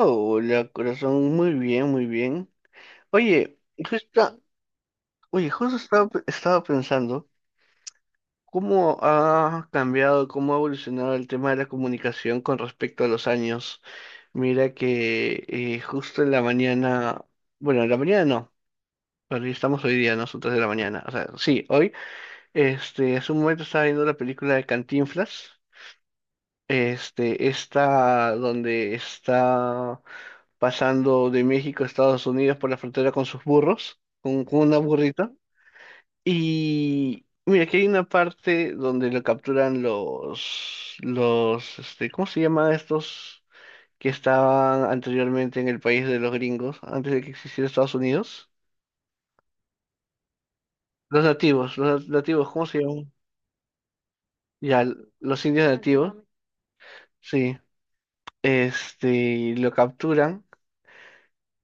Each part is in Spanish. Hola, corazón, muy bien, muy bien. Oye, justo, oye, justo estaba, estaba pensando cómo ha cambiado, cómo ha evolucionado el tema de la comunicación con respecto a los años. Mira que justo en la mañana, bueno, en la mañana no, porque estamos hoy día, ¿no? Son tres de la mañana. O sea, sí, hoy, hace un momento estaba viendo la película de Cantinflas, esta donde está pasando de México a Estados Unidos por la frontera con sus burros, con una burrita. Y mira, aquí hay una parte donde lo capturan los, ¿cómo se llaman estos que estaban anteriormente en el país de los gringos, antes de que existiera Estados Unidos? Los nativos, ¿cómo se llaman? Ya, los indios nativos, sí, lo capturan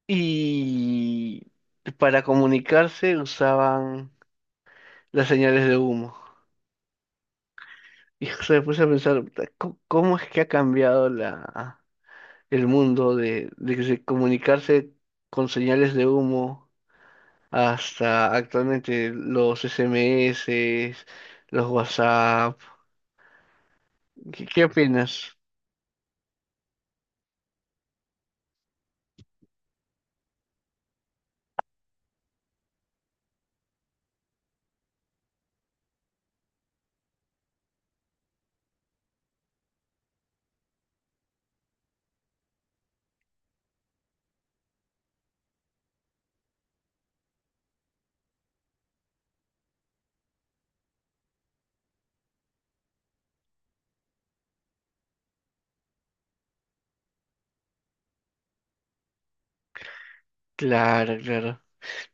y para comunicarse usaban las señales de humo. Hijo, se me puse a pensar, puta, ¿cómo es que ha cambiado la, el mundo de, de comunicarse con señales de humo hasta actualmente los SMS, los WhatsApp? ¿Qué, qué opinas? Claro, claro.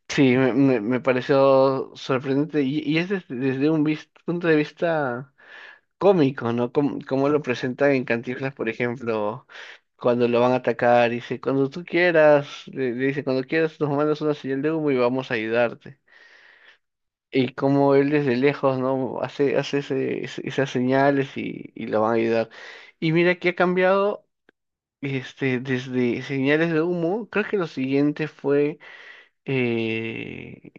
Sí, me pareció sorprendente y es desde, desde un punto de vista cómico, ¿no? Como, como lo presentan en Cantinflas, por ejemplo, cuando lo van a atacar, dice, cuando tú quieras, le dice, cuando quieras nos mandas una señal de humo y vamos a ayudarte. Y como él desde lejos, ¿no? Hace, hace esas señales y lo van a ayudar. Y mira que ha cambiado, desde señales de humo, creo que lo siguiente fue, eh,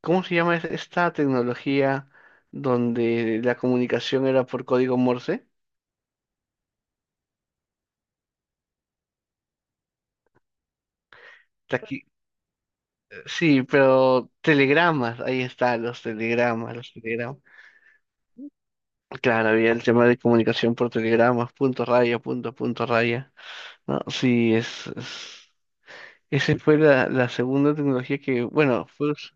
¿cómo se llama esta tecnología donde la comunicación era por código Morse? Taqui- Sí, pero telegramas, ahí está, los telegramas, los telegramas. Claro, había el tema de comunicación por telegramas, punto raya, punto, punto raya. No, sí, esa fue la, la segunda tecnología que, bueno, pues,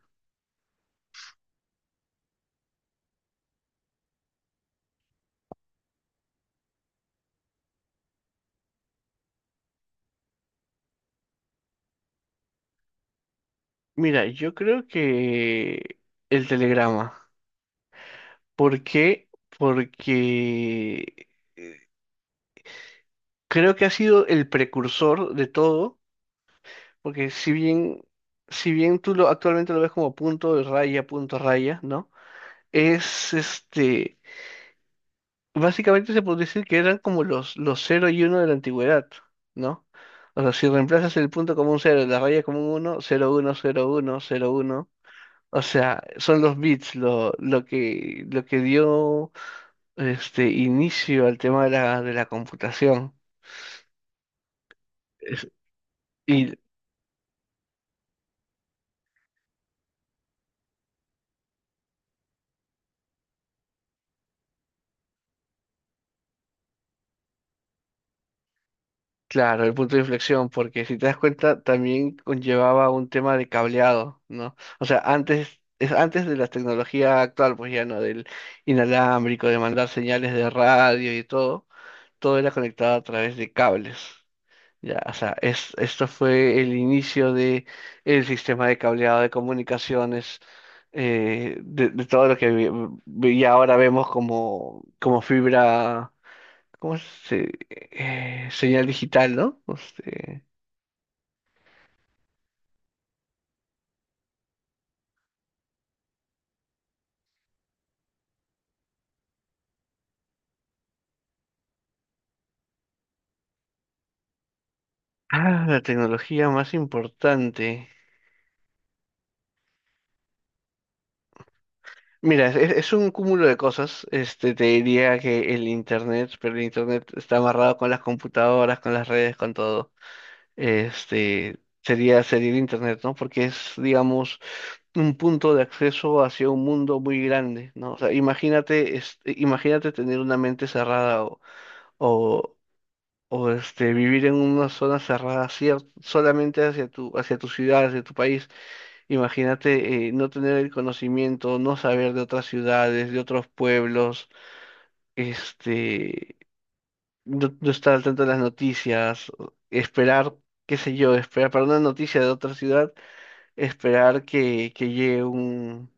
mira, yo creo que el telegrama. ¿Por qué? Porque creo que ha sido el precursor de todo, porque si bien, si bien actualmente lo ves como punto raya, ¿no? es este, básicamente se podría decir que eran como los cero y uno de la antigüedad, ¿no? O sea, si reemplazas el punto como un cero la raya como un uno cero uno cero uno cero uno. O sea, son los bits lo que dio inicio al tema de la computación. Es- y Claro, el punto de inflexión, porque si te das cuenta, también conllevaba un tema de cableado, ¿no? O sea, antes, es antes de la tecnología actual, pues ya no, del inalámbrico, de mandar señales de radio y todo, todo era conectado a través de cables. Ya, o sea, es, esto fue el inicio de el sistema de cableado de comunicaciones, de todo lo que y ahora vemos como, como fibra. ¿Cómo se, señal digital, ¿no? Ah, la tecnología más importante. Mira, es un cúmulo de cosas. Te diría que el internet, pero el internet está amarrado con las computadoras, con las redes, con todo. Sería, sería el internet, ¿no? Porque es, digamos, un punto de acceso hacia un mundo muy grande, ¿no? O sea, imagínate, imagínate tener una mente cerrada o, o vivir en una zona cerrada solamente hacia tu ciudad, hacia tu país. Imagínate no tener el conocimiento, no saber de otras ciudades, de otros pueblos, este, no, no estar al tanto de las noticias, o esperar, qué sé yo, esperar para una noticia de otra ciudad, esperar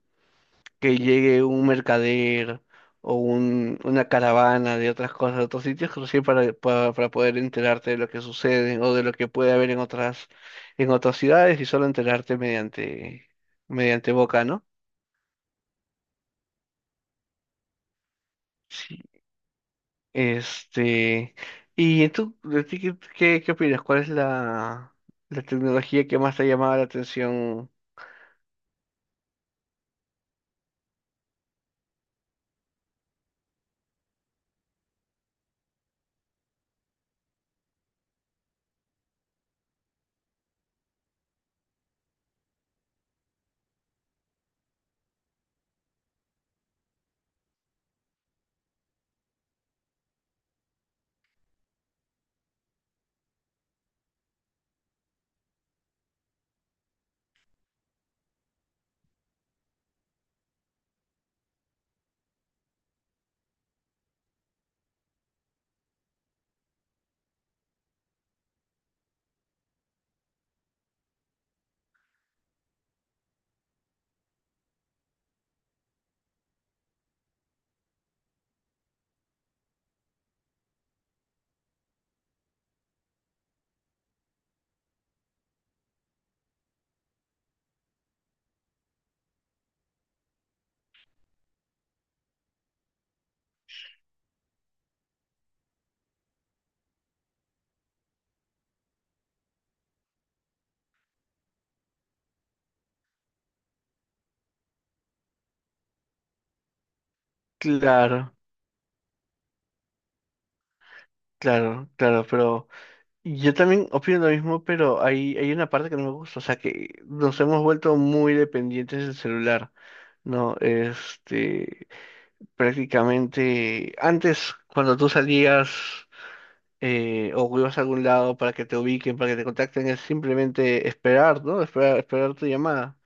que llegue un mercader una caravana de otras cosas, de otros sitios, recién para poder enterarte de lo que sucede o de lo que puede haber en otras ciudades y solo enterarte mediante, mediante boca, ¿no? Sí. Este, y tú, de ti, ¿qué, qué opinas? ¿Cuál es la, la tecnología que más te ha llamado la atención? Claro, claro, claro, pero... Yo también opino lo mismo, pero hay una parte que no me gusta, o sea que nos hemos vuelto muy dependientes del celular, ¿no? Prácticamente antes cuando tú salías o ibas a algún lado para que te ubiquen, para que te contacten, es simplemente esperar, ¿no? Esperar, esperar tu llamada,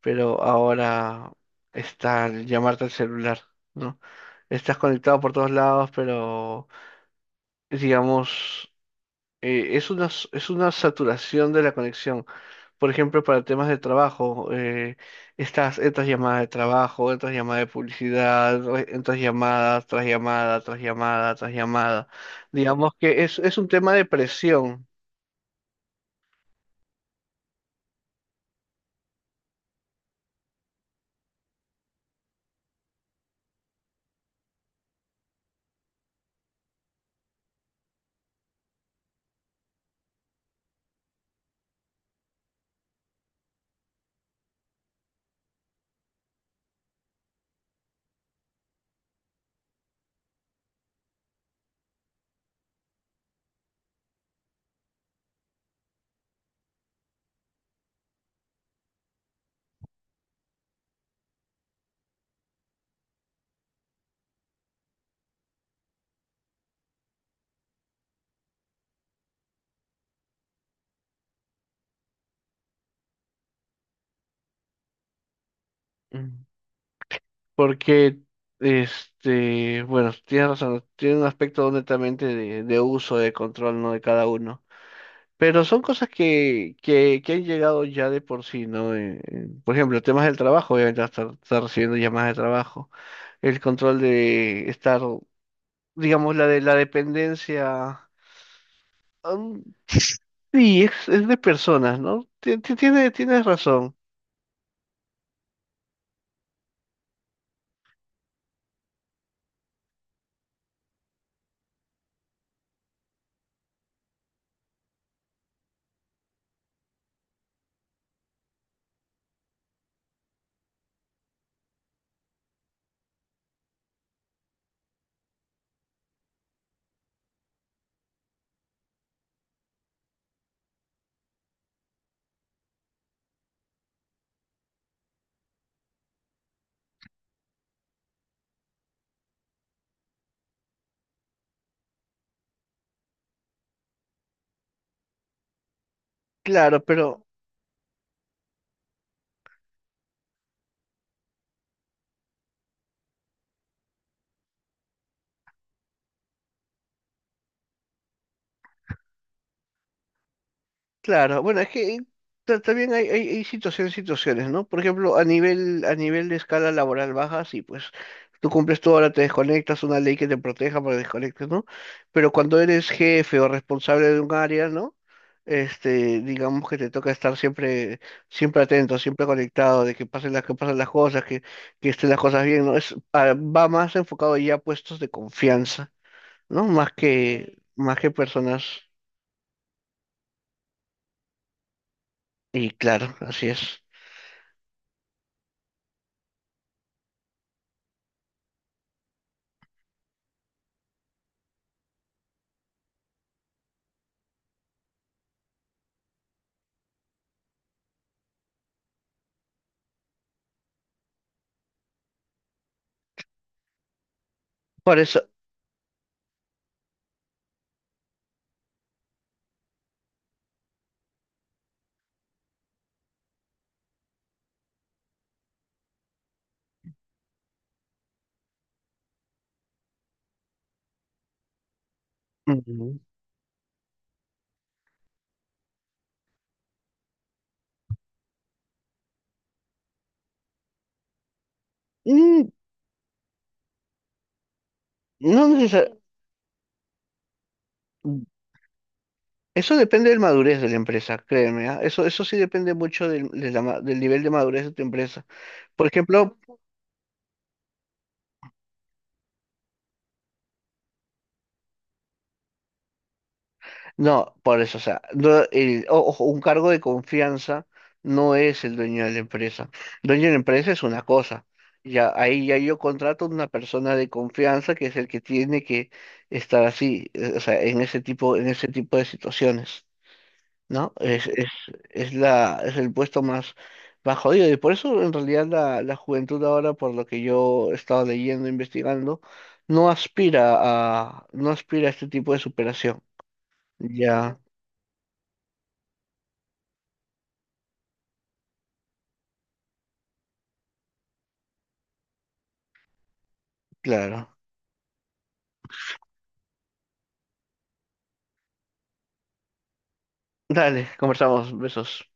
pero ahora está el llamarte al celular, ¿no? Estás conectado por todos lados, pero digamos es una, es una saturación de la conexión. Por ejemplo, para temas de trabajo, estas llamadas de trabajo, estas llamadas de publicidad, estas llamadas tras llamada, tras llamada, tras llamada. Digamos que es un tema de presión, mm, porque, bueno, tienes razón, tiene un aspecto netamente de uso, de control, ¿no? De cada uno. Pero son cosas que han llegado ya de por sí, ¿no? Por ejemplo, temas del trabajo, obviamente vas a estar, estar recibiendo llamadas de trabajo, el control de estar, digamos, la de la dependencia, um, sí, es de personas, ¿no? Tiene, tienes razón, claro, pero claro, bueno, es que también hay situaciones, situaciones, ¿no? Por ejemplo, a nivel de escala laboral baja, sí, pues tú cumples tu hora, te desconectas, una ley que te proteja para que desconectes, ¿no? Pero cuando eres jefe o responsable de un área, ¿no? Digamos que te toca estar siempre, siempre atento, siempre conectado, de que pasen las cosas, que estén las cosas bien, ¿no? Va más enfocado ya a puestos de confianza, ¿no? Más que, sí, más que personas, y claro, así es. Por eso, ujú. Mm, No necesar- eso depende de la madurez de la empresa, créeme, ¿ah? Eso sí depende mucho del nivel de madurez de tu empresa. Por ejemplo, no, por eso, o sea, no, ojo, un cargo de confianza no es el dueño de la empresa. Dueño de la empresa es una cosa. Ya, ahí ya yo contrato una persona de confianza que es el que tiene que estar así, o sea, en ese tipo de situaciones. ¿No? Es la, es el puesto más, más jodido. Y por eso, en realidad, la juventud ahora, por lo que yo he estado leyendo, investigando, no aspira a, no aspira a este tipo de superación. Ya, claro. Dale, conversamos. Besos.